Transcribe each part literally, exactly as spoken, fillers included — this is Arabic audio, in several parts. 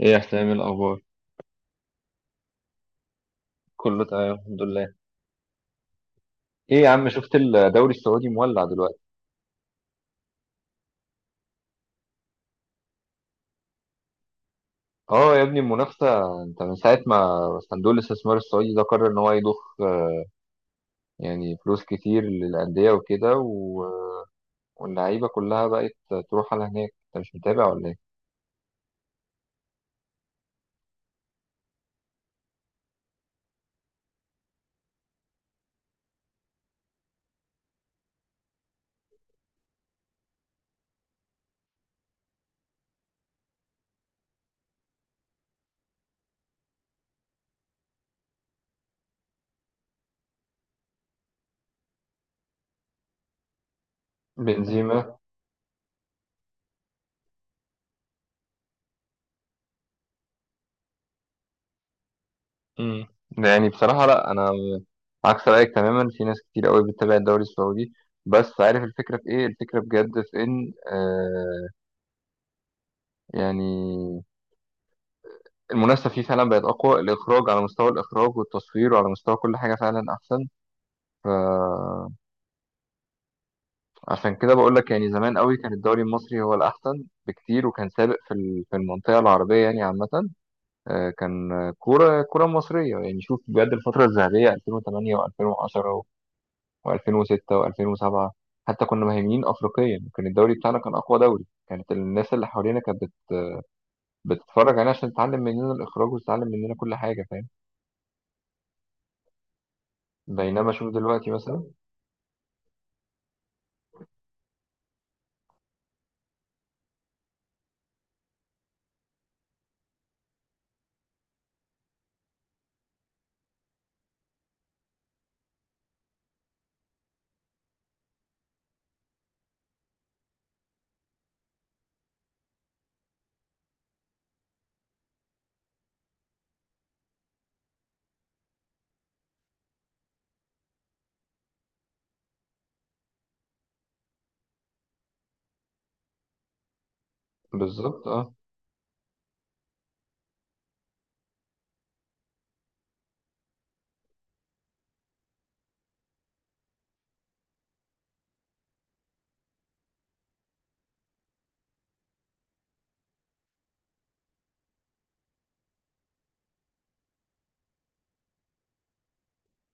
ايه يا حسام، إيه الاخبار؟ كله تمام الحمد لله. ايه يا عم، شفت الدوري السعودي مولع دلوقتي؟ اه يا ابني المنافسه. انت من ساعه ما صندوق الاستثمار السعودي ده قرر ان هو يضخ يعني فلوس كتير للانديه وكده و... واللعيبه كلها بقت تروح على هناك، انت مش متابع ولا ايه؟ بنزيما. امم يعني بصراحه، لا انا عكس رايك تماما، في ناس كتير قوي بتتابع الدوري السعودي. بس عارف الفكره في ايه؟ الفكره بجد في ان آه يعني المنافسة فيه فعلا بقت أقوى، الإخراج، على مستوى الإخراج والتصوير وعلى مستوى كل حاجة فعلا أحسن. فعشان كده بقول لك، يعني زمان قوي كان الدوري المصري هو الأحسن بكتير، وكان سابق في ال- في المنطقة العربية يعني عامة. آه، كان كورة كورة مصرية. يعني شوف بجد، الفترة الذهبية الفين وتمانية و2010 و2006 و2007، حتى كنا مهيمنين أفريقيا، كان الدوري بتاعنا كان أقوى دوري، كانت الناس اللي حوالينا كانت بت- بتتفرج علينا عشان تتعلم مننا الإخراج وتتعلم مننا كل حاجة، فاهم؟ بينما شوف دلوقتي مثلا. بالظبط، اه.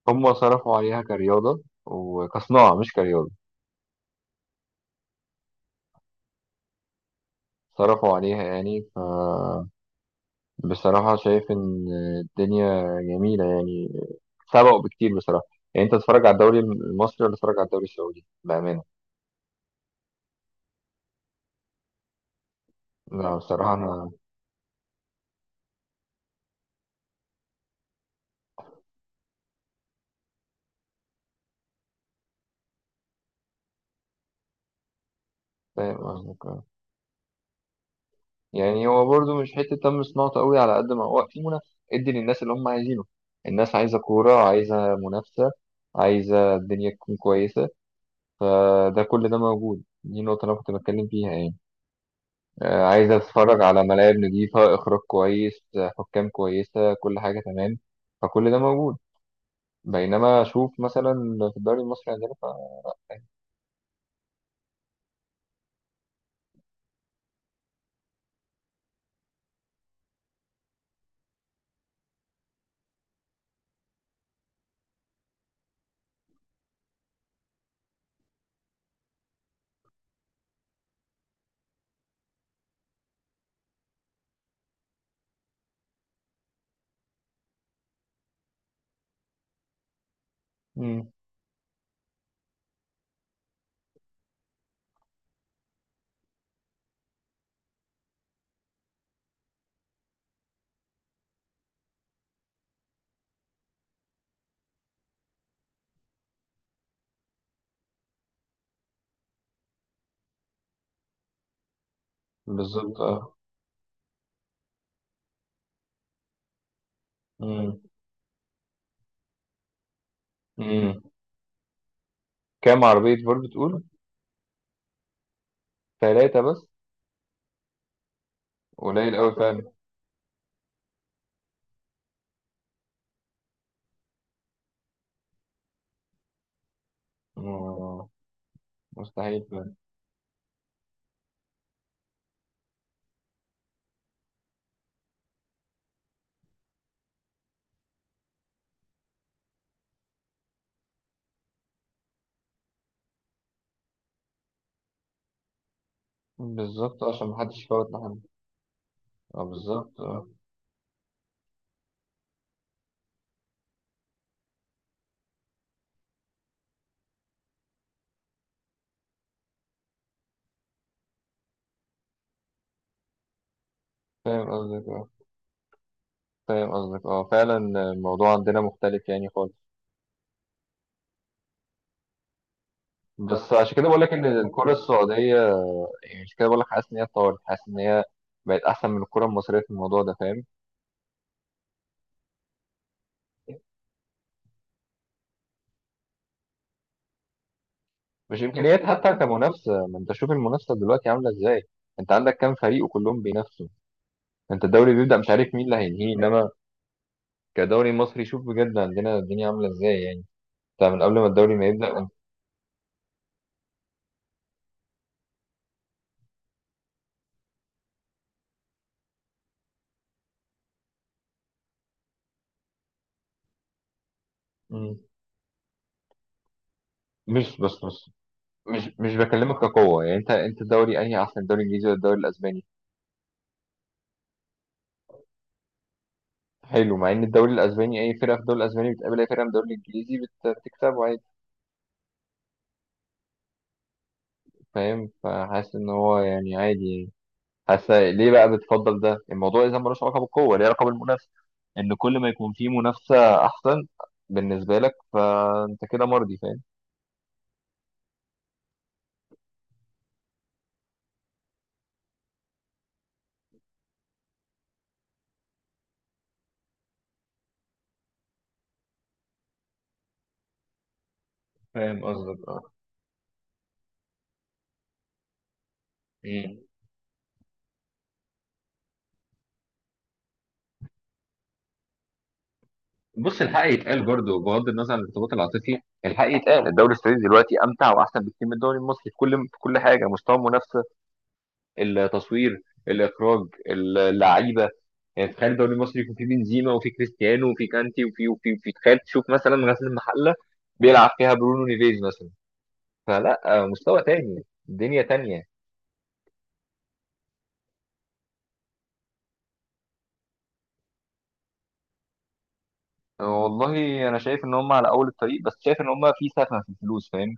هم صرفوا عليها كرياضة وكصناعة، مش كرياضة. صرفوا عليها يعني. فبصراحة شايف إن الدنيا جميلة يعني، سبقوا بكتير بصراحة. يعني أنت تتفرج على الدوري المصري ولا تتفرج على الدوري السعودي بأمانة؟ لا بصراحة أنا. فاهم قصدك، آه. يعني هو برضه مش حتة تم صناعته قوي، على قد ما هو في منافسة ادي للناس اللي هم عايزينه. الناس عايزة كورة، عايزة منافسة، عايزة الدنيا تكون كويسة، فده كل ده موجود. دي النقطة اللي أنا كنت بتكلم فيها يعني. آه، عايز اتفرج على ملاعب نظيفة، اخراج كويس، آه، حكام كويسة، كل حاجة تمام، فكل ده موجود. بينما اشوف مثلا في الدوري المصري عندنا ف... مم. بالظبط، اه. مم. مم. كام عربية فول بتقول؟ ثلاثة بس؟ قليل قوي فعلا. مم. مستحيل فعلا. بالظبط، آه، عشان محدش يفوت لحد. اه بالظبط، اه. فاهم قصدك، اه. فاهم قصدك، اه فعلا. الموضوع عندنا مختلف يعني خالص. بس عشان كده بقول لك ان الكرة السعودية، يعني مش كده بقول لك، حاسس ان هي اتطورت، حاسس ان هي بقت احسن من الكره المصريه في الموضوع ده، فاهم؟ مش امكانيات، حتى كمنافسه. ما انت شوف المنافسه دلوقتي عامله ازاي، انت عندك كام فريق وكلهم بينافسوا. انت الدوري بيبدا مش عارف مين اللي هينهيه، انما كدوري مصري شوف بجد عندنا الدنيا عامله ازاي يعني، انت من قبل ما الدوري ما يبدا انت- مم. مش بس بس مش مش بكلمك كقوه. يعني انت انت الدوري انهي احسن، الدوري الانجليزي ولا الدوري الاسباني؟ حلو، مع ان الدوري الاسباني، اي فرقه في الدوري الاسباني بتقابل اي فرقه من الدوري الانجليزي بت- بتكسبه عادي. فاهم؟ فحاسس ان هو يعني عادي يعني. حاسه ليه بقى بتفضل ده؟ الموضوع اذا ملوش علاقه بالقوه، ليه علاقه بالمنافسه. ان كل ما يكون في منافسه احسن بالنسبه لك، فانت كده مرضي، فاهم؟ فاهم قصدك، اه. مم. بص، الحق يتقال برضه، بغض النظر عن الارتباط العاطفي، الحق يتقال الدوري السعودي دلوقتي امتع واحسن بكتير من الدوري المصري، في كل في كل حاجه، مستوى المنافسه، التصوير، الاخراج، اللعيبه. يعني تخيل الدوري المصري يكون فيه بنزيما وفيه كريستيانو وفيه كانتي وفيه وفيه وفيه، تخيل تشوف مثلا غزل المحله بيلعب فيها برونو نيفيز مثلا. فلا، مستوى تاني، دنيا تانية. والله انا شايف ان هم على اول الطريق، بس شايف ان هم في سخنه في الفلوس، فاهم؟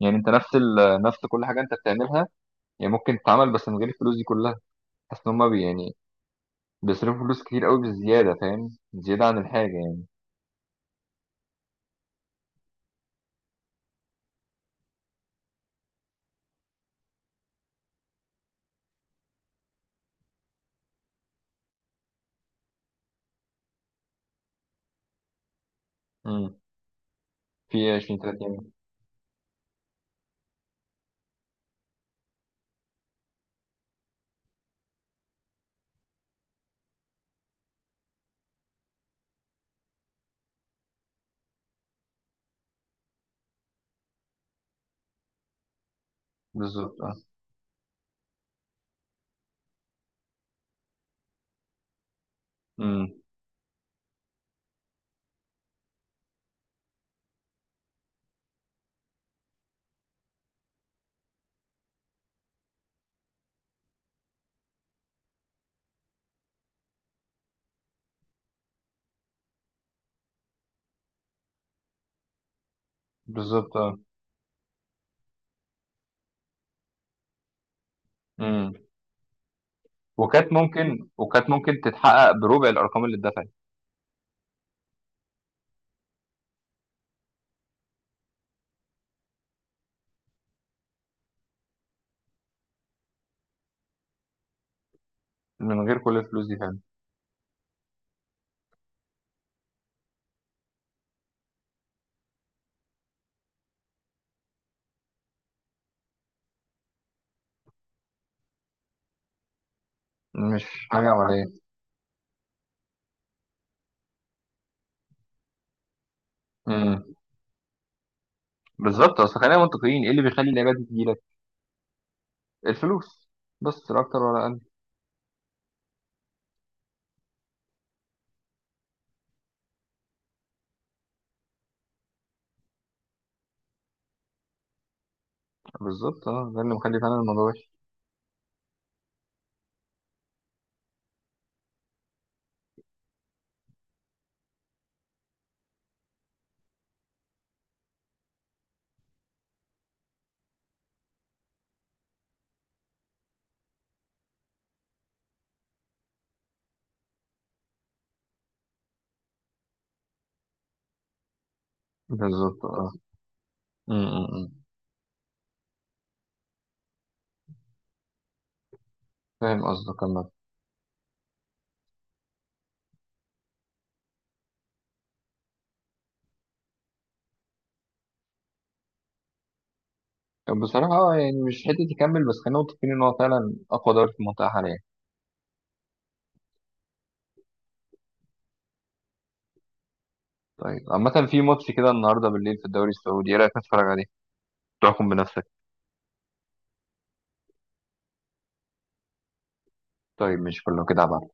يعني انت نفس ال... نفس كل حاجه انت بتعملها، يعني ممكن تتعمل بس من غير الفلوس دي كلها. حاسس ان هم بي يعني بيصرفوا فلوس كتير قوي بالزياده، فاهم؟ زياده عن الحاجه يعني. امم في عشرين تلاتين يوم. بالظبط، اه. امم بالظبط، اه. امم وكانت ممكن، وكانت ممكن تتحقق بربع الارقام اللي اتدفعت، من غير كل الفلوس دي، فاهم؟ مش حاجه عمليه. بالظبط، اصل خلينا منطقيين، ايه اللي بيخلي اللعيبه دي تجيلك؟ الفلوس، بس لا اكتر ولا اقل. بالظبط، اه، ده اللي مخلي فعلا الموضوع وحش. بالظبط، اه. م- م- م. فاهم قصدك عامة. بصراحة آه، يعني مش حتة يكمل، بس خلينا متفقين إن هو فعلا أقوى دوري في المنطقة حاليا. طيب عامة، في ماتش كده النهاردة بالليل في الدوري السعودي، إيه رأيك نتفرج عليه؟ تحكم بنفسك. طيب مش كله كده عبعا.